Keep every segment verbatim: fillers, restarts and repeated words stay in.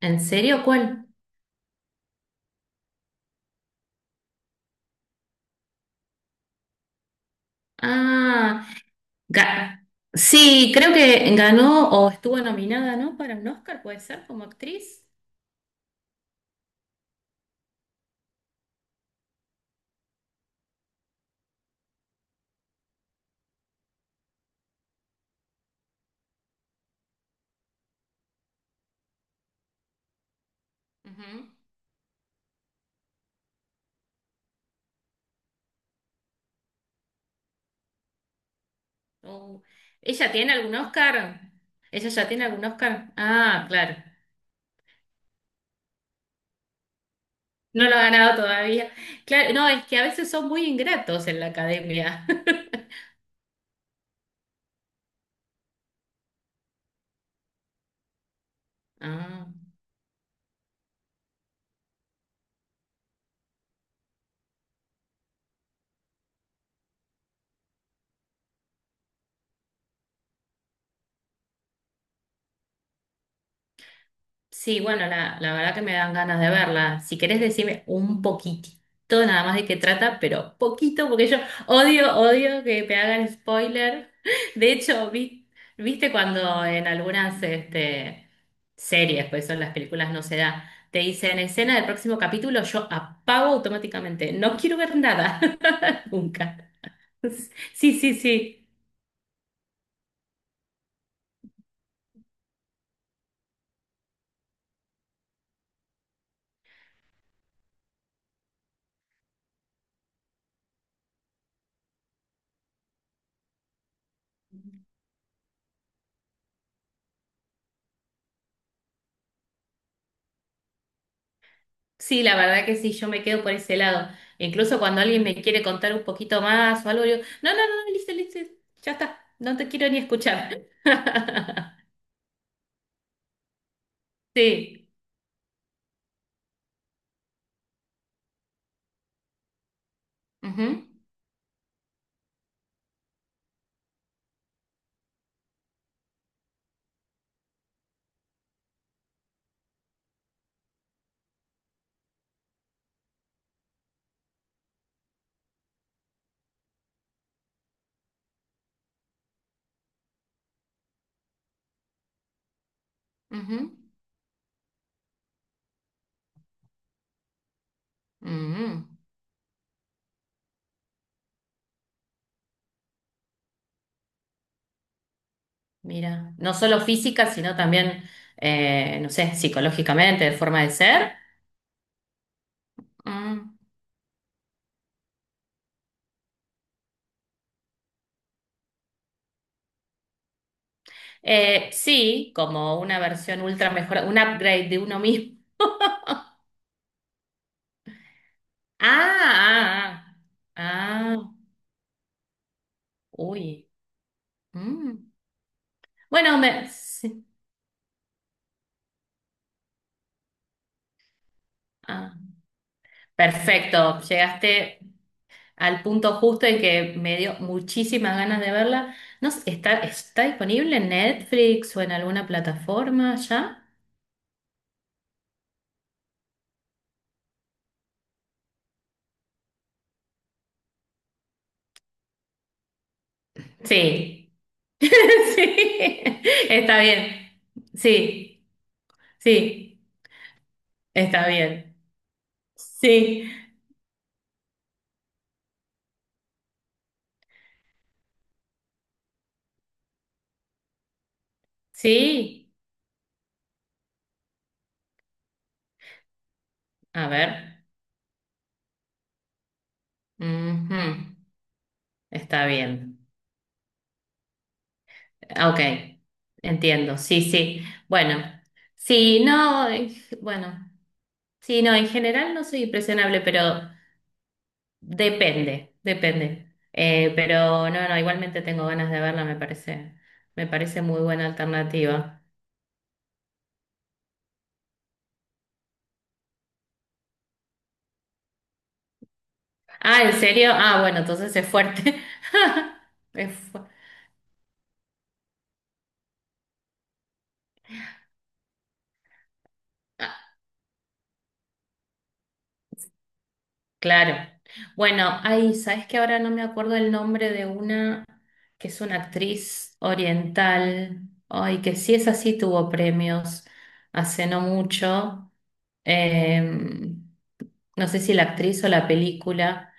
¿En serio? ¿Cuál? Ah, ga- sí, creo que ganó o estuvo nominada, ¿no? Para un Oscar, puede ser, como actriz. Ujú. O- ¿Ella tiene algún Oscar? ¿Ella ya tiene algún Oscar? Ah, claro. No lo ha ganado todavía. Claro, no, es que a veces son muy ingratos en la academia. Ah. Sí, bueno, la, la verdad que me dan ganas de verla. Si querés decirme un poquitito nada más de qué trata, pero poquito, porque yo odio, odio que me hagan spoiler. De hecho, vi- viste cuando en algunas este, series, pues son las películas, no se da, te dicen escena del próximo capítulo, yo apago automáticamente. No quiero ver nada, nunca. Sí, sí, sí. Sí, la verdad que sí, yo me quedo por ese lado. Incluso cuando alguien me quiere contar un poquito más o algo, yo, no, no, no, no, listo, listo, ya está, no te quiero ni escuchar. Sí. Ujú, ujú, ujú. Mira, no solo física, sino también, eh, no sé, psicológicamente, de forma de ser. Mm. Eh, sí, como una versión ultra mejor, un upgrade de uno mismo. Ah, ah, ah, ah, ah. Uy. Mm. Bueno, me... sí. Ah. Perfecto, llegaste al punto justo en que me dio muchísimas ganas de verla. No sé, ¿está, está disponible en Netflix o en alguna plataforma ya? Sí, sí, está bien. Sí, sí, está bien. Sí, sí, a ver. Ujú. Está bien. Ah, ok, entiendo, sí, sí. Bueno, sí, no, eh, bueno. Sí, no, en general no soy impresionable, pero depende, depende. Eh, pero no, no, igualmente tengo ganas de verla, me parece, me parece muy buena alternativa. Ah, ¿en serio? Ah, bueno, entonces es fuerte. Es fuerte. Claro. Bueno, ahí, ¿sabes que ahora no me acuerdo el nombre de una que es una actriz oriental? Ay, que sí es así, tuvo premios hace no mucho. Eh, no sé si la actriz o la película.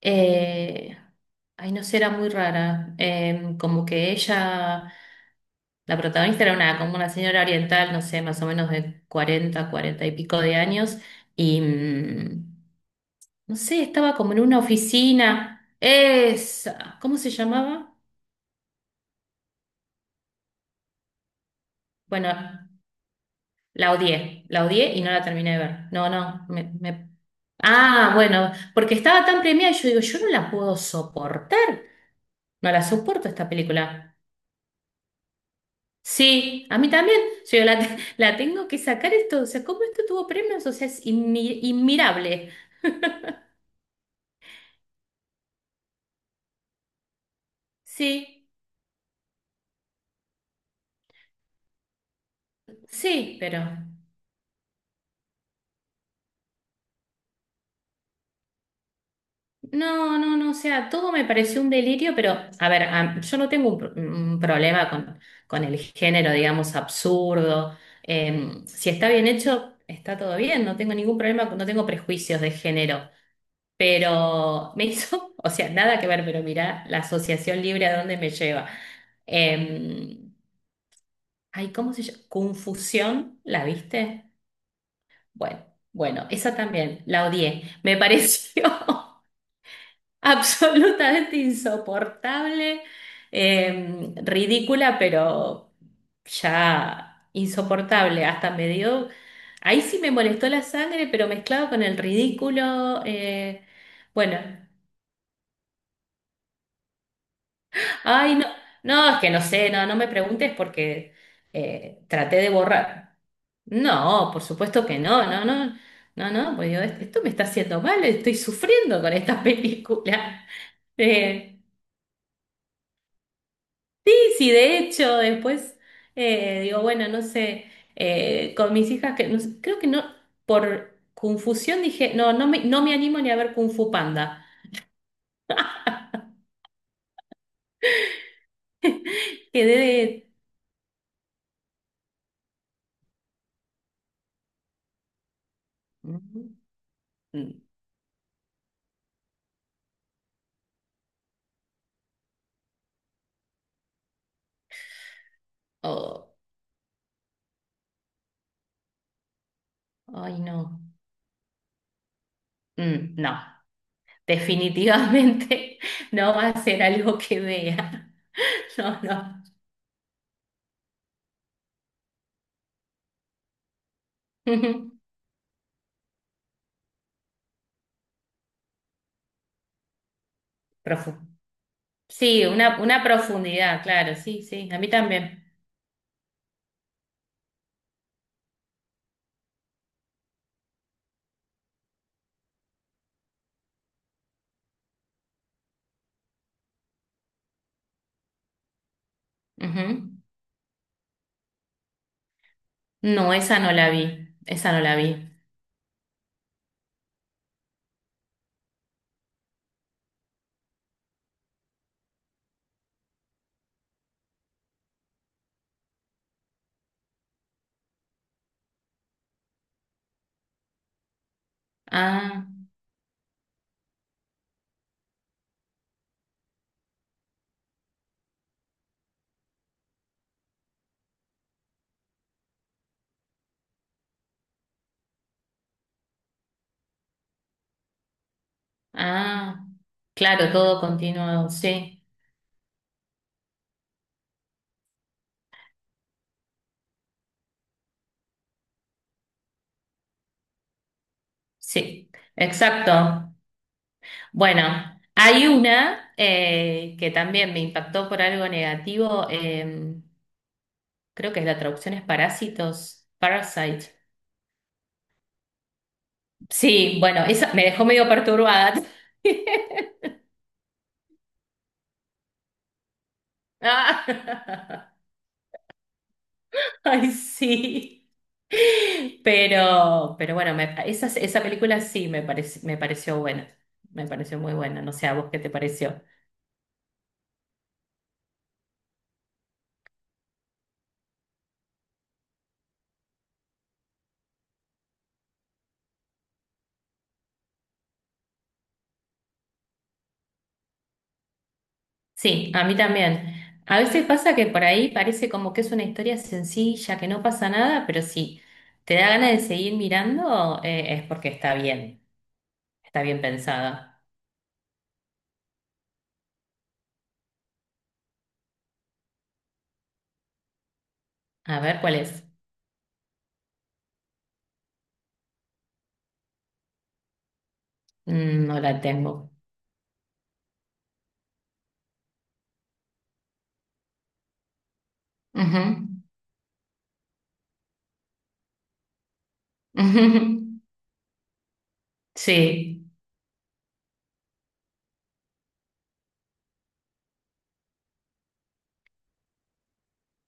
Eh, Ay, no sé, era muy rara. Eh, como que ella, la protagonista era una, como una señora oriental, no sé, más o menos de cuarenta, cuarenta y pico de años. Y. mm, no sé, estaba como en una oficina. Esa. ¿Cómo se llamaba? Bueno, la odié. La odié y no la terminé de ver. No, no. me- me- Ah, bueno, porque estaba tan premiada. Yo digo, yo no la puedo soportar. No la soporto esta película. Sí, a mí también. Yo la, te- la tengo que sacar esto. O sea, ¿cómo esto tuvo premios? O sea, es inmi- inmirable. Sí, sí, pero. No, no, no, o sea, todo me pareció un delirio, pero a ver, a- yo no tengo un, pro- un problema con, con el género, digamos, absurdo. Eh, si está bien hecho, está todo bien, no tengo ningún problema, no tengo prejuicios de género. Pero me hizo, o sea, nada que ver, pero mirá la asociación libre a dónde me lleva. Eh, Ay, ¿cómo se llama? Confusión, ¿la viste? Bueno, bueno, esa también, la odié, me pareció. absolutamente insoportable, eh, ridícula, pero ya insoportable. Hasta me dio, ahí sí me molestó la sangre, pero mezclado con el ridículo. Eh, bueno, ay, no, no, es que no sé, no, no me preguntes porque eh, traté de borrar. No, por supuesto que no, no, no, no, no, pues digo, esto me está haciendo mal, estoy sufriendo con esta película. Eh, Sí, de hecho, después eh, digo, bueno, no sé, eh, con mis hijas, que no sé, creo que no, por confusión dije, no, no me, no me animo ni a ver Kung Fu Panda. Quedé de... mm, mm, oh, ay, no. Mm, no, definitivamente no va a ser algo que vea. No, no. Ujú. Profu- Sí, una, una profundidad, claro, sí, sí, a mí también. Ujú. No, esa no la vi, esa no la vi. Ah. Ah, claro, todo continuo, sí, sí, exacto. Bueno, hay una eh, que también me impactó por algo negativo, eh, creo que la traducción es parásitos, parasite. Sí, bueno, esa me dejó medio perturbada. Ah. Ay, sí. Pero, pero bueno, me- esa, esa película sí me parec- me pareció buena. Me pareció muy buena. No sé a vos qué te pareció. Sí, a mí también. A veces pasa que por ahí parece como que es una historia sencilla, que no pasa nada, pero sí, te da ganas de seguir mirando, eh, es porque está bien, está bien pensada. A ver cuál es. Mm, no la tengo. Ujú, ujú. Sí,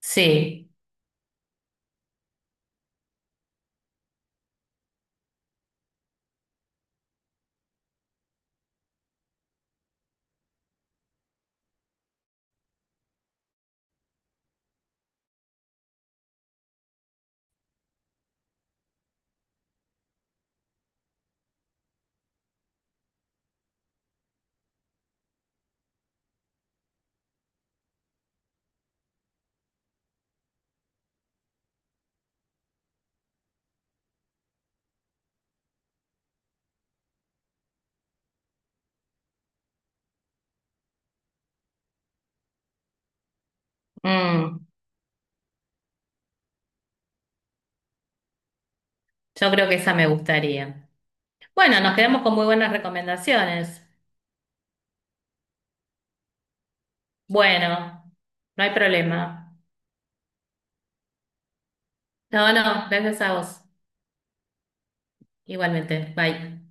sí. Mm, yo creo que esa me gustaría. Bueno, nos quedamos con muy buenas recomendaciones. Bueno, no hay problema. No, no, gracias a vos. Igualmente. Bye.